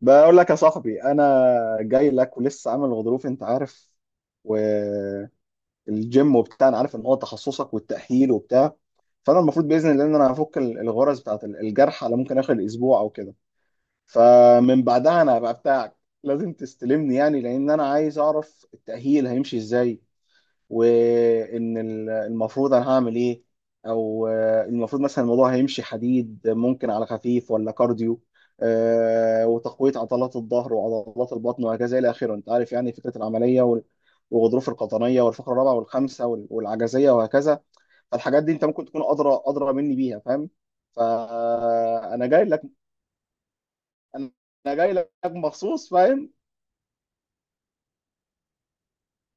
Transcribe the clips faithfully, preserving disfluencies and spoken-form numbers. بقول لك يا صاحبي، انا جاي لك ولسه عامل غضروف. انت عارف، والجيم وبتاع. انا عارف ان هو تخصصك والتأهيل وبتاع. فانا المفروض باذن الله ان انا هفك ال- الغرز بتاعت ال- الجرح، على ممكن اخر اسبوع او كده. فمن بعدها انا هبقى بتاعك. لازم تستلمني يعني، لان انا عايز اعرف التأهيل هيمشي ازاي. وان ال- المفروض انا هعمل ايه، او آه، المفروض مثلا الموضوع هيمشي حديد. ممكن على خفيف، ولا كارديو. آه، وتقويه عضلات الظهر وعضلات البطن وهكذا الى اخره. انت عارف يعني فكره العمليه، وال- والغضروف القطنيه والفقره الرابعه والخامسه، وال- والعجزيه وهكذا. فالحاجات دي انت ممكن تكون ادرى ادرى مني بيها، فاهم؟ فانا جاي لك. انا جاي لك مخصوص، فاهم؟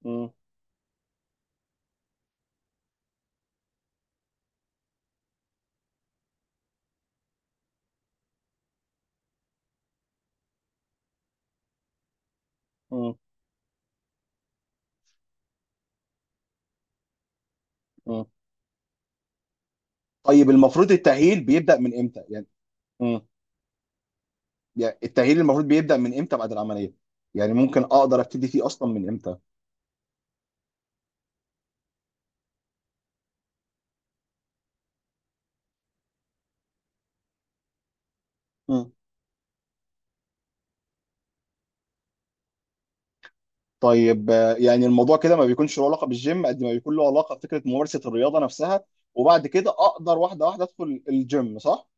مم، مم، مم. طيب، المفروض التأهيل بيبدأ من امتى؟ يعني، يعني التغيير المفروض بيبدأ من امتى بعد العملية؟ يعني ممكن اقدر ابتدي فيه اصلا من امتى؟ مم. طيب، آه، يعني الموضوع كده ما بيكونش له علاقة بالجيم قد ما بيكون له علاقة بفكرة ممارسة الرياضة نفسها. وبعد كده اقدر واحدة واحدة ادخل الجيم، صح؟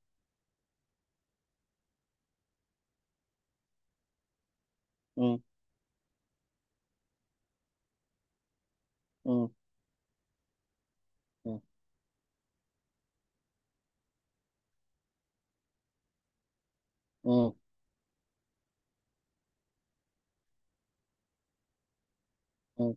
مم. مم. مم. مم. مم.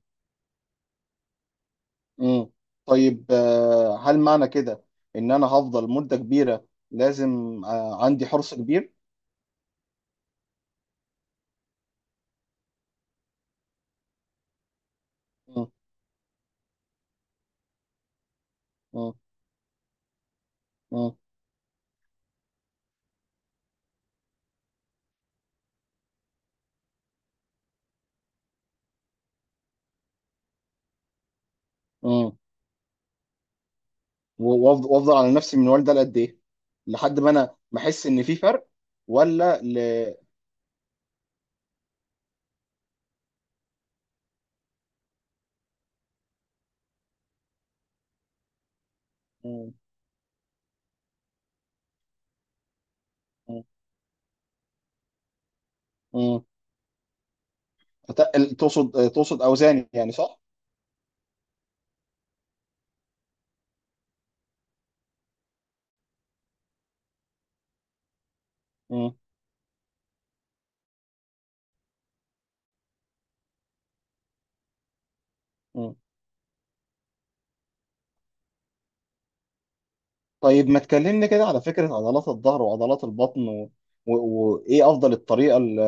مم. طيب، آه، هل معنى كده ان انا هفضل مدة كبيرة لازم، آه، عندي حرص كبير؟ مم. مم. مم. و- وأفض- وافضل على نفسي من والده لقد ايه، لحد ما انا ما احس ان في فرق، ولا ل مم. مم. مم. أت- تقصد تقصد اوزاني يعني، صح؟ مم. مم. طيب ما تكلمني كده على فكرة عضلات الظهر وعضلات البطن و... و... وإيه أفضل الطريقة ل...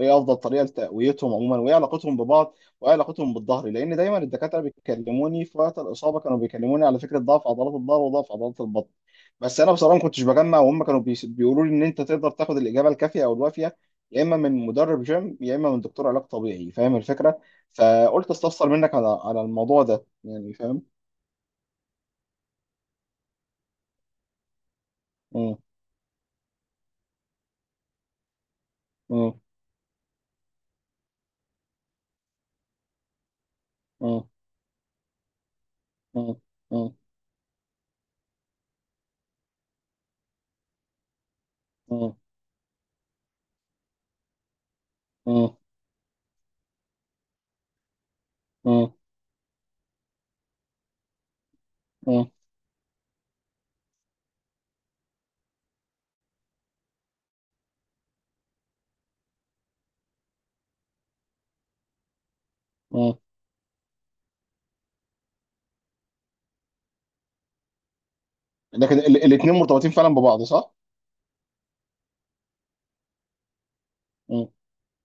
إيه أفضل طريقة لتقويتهم عموما، وإيه علاقتهم ببعض، وإيه علاقتهم بالظهر. لأن دايما الدكاترة بيكلموني في وقت الإصابة، كانوا بيكلموني على فكرة ضعف عضلات الظهر وضعف عضلات البطن. بس أنا بصراحة ما كنتش بجمع، وهم كانوا بي... بيقولوا لي إن أنت تقدر تاخد الإجابة الكافية أو الوافية، يا إما من مدرب جيم يا إما من دكتور علاج طبيعي، فاهم الفكرة. فقلت أستفسر منك على على الموضوع ده يعني، فاهم؟ مم. مم. مم. مم. مم. مم. مم. مم. مم. لكن الاثنين مرتبطين فعلا ببعض، صح؟ مم.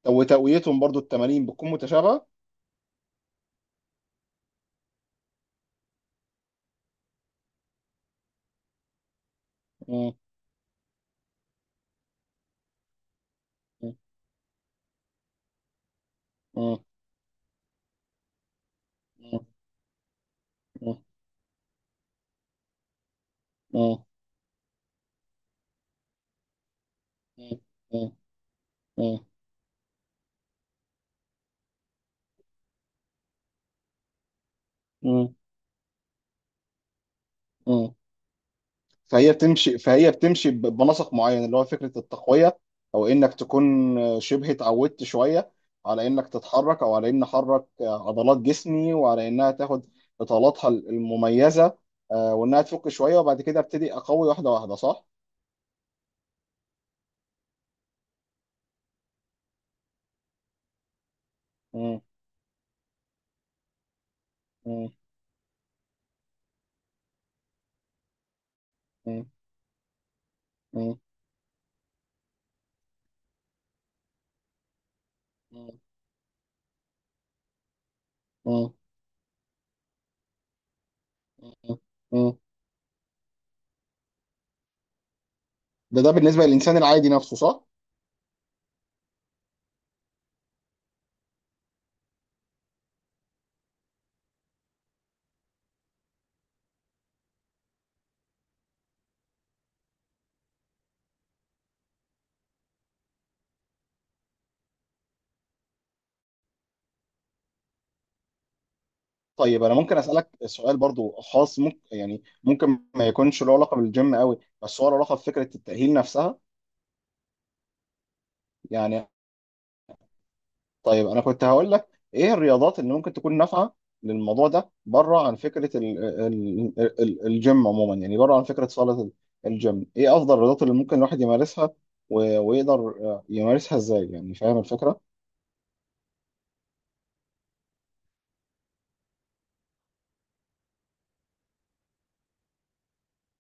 وتقويتهم برضو، التمارين بتكون متشابهة. مم. مم. مم. مم. مم. مم. مم. مم. مم. فهي بتمشي فهي بتمشي ب- بنسق معين، اللي هو فكرة التقوية، او انك تكون شبه اتعودت شوية على انك تتحرك، او على ان احرك عضلات جسمي وعلى انها تاخد اطالاتها المميزة، آه، وانها تفك شوية، وبعد كده ابتدي اقوي واحدة واحدة، صح؟ مم. مم. مم. مم. مم. مم. ده ده بالنسبة للإنسان العادي نفسه، صح؟ طيب أنا ممكن أسألك سؤال برضو خاص. ممكن يعني ممكن ما يكونش له علاقة بالجيم قوي، بس هو له علاقة بفكرة التأهيل نفسها. يعني، طيب أنا كنت هقول لك إيه الرياضات اللي ممكن تكون نافعة للموضوع ده، بره عن فكرة ال ال ال الجيم عموما، يعني بره عن فكرة صالة ال- الجيم. إيه أفضل الرياضات اللي ممكن الواحد يمارسها، و- ويقدر آه، يمارسها إزاي يعني، فاهم الفكرة؟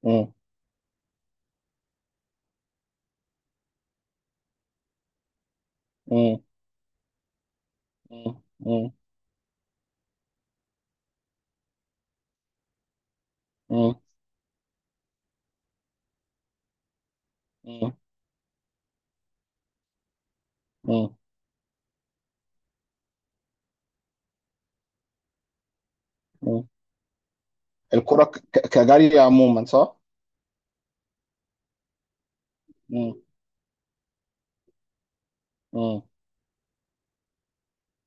مم. مم. مم. مم. مم. مم. مم. الكرة ك- ك- كجري عموما، صح؟ مم. مم.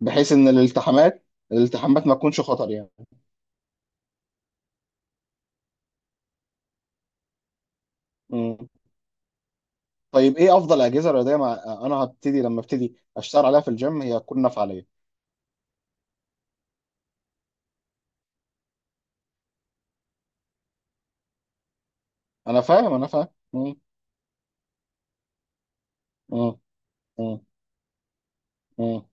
بحيث ان الالتحامات الالتحامات ما تكونش خطر يعني. مم. طيب ايه افضل اجهزه رياضيه، مع انا هبتدي لما ابتدي اشتغل عليها في الجيم هي تكون نافعه ليا. انا فاهم، انا فاهم. مم. مم. مم. مم.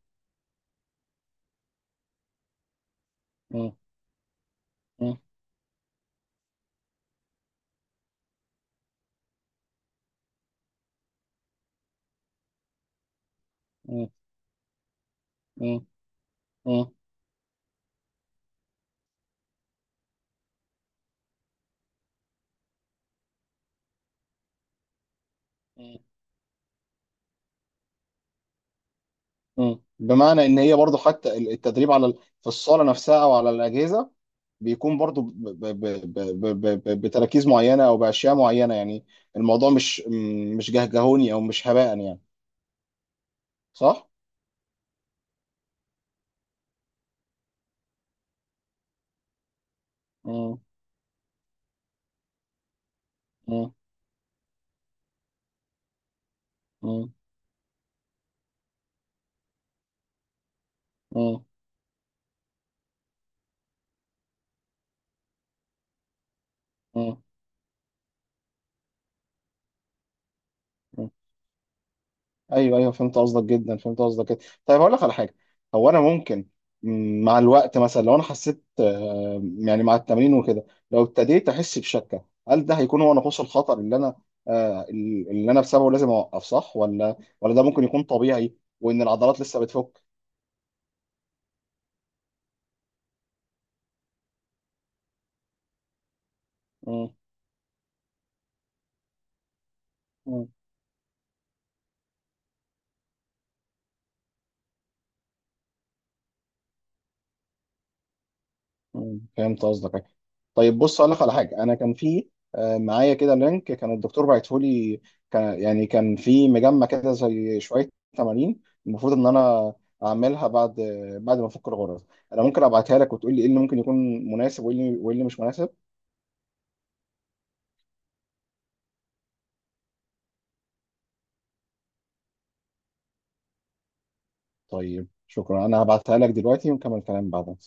مم. مم. مم. مم. مم. مم. بمعنى ان هي برضو، حتى التدريب على ال- في الصاله نفسها او على الاجهزه، بيكون برضو ب- ب- ب- ب- ب- ب- بتراكيز معينة أو بأشياء معينة، يعني الموضوع مش م- مش جهجهوني أو مش هباء يعني، صح؟ مم. مم. مم. مم. مم. مم. أيوه، أيوه، فهمت قصدك جدا، فهمت قصدك جدا. طيب هقول لك على حاجة. هو أنا ممكن، م، مع الوقت مثلا لو أنا حسيت، آه، يعني مع التمرين وكده، لو ابتديت أحس بشكة، هل ده هيكون هو نقص الخطر اللي أنا آه، اللي أنا بسببه لازم أوقف، صح؟ ولا ولا ده ممكن يكون طبيعي وإن العضلات لسه بتفك؟ مم. مم. فهمت قصدك. طيب بص، اقول لك على حاجه. انا كان في، آه، معايا كده لينك، كان الدكتور باعته لي. كان يعني كان في مجمع كده زي شويه تمارين، المفروض ان انا اعملها بعد بعد ما افك الغرز. انا ممكن ابعتها لك وتقول لي ايه اللي ممكن يكون مناسب وايه اللي وايه اللي مش مناسب. طيب شكرا، انا هبعتها لك دلوقتي ونكمل الكلام بعدين.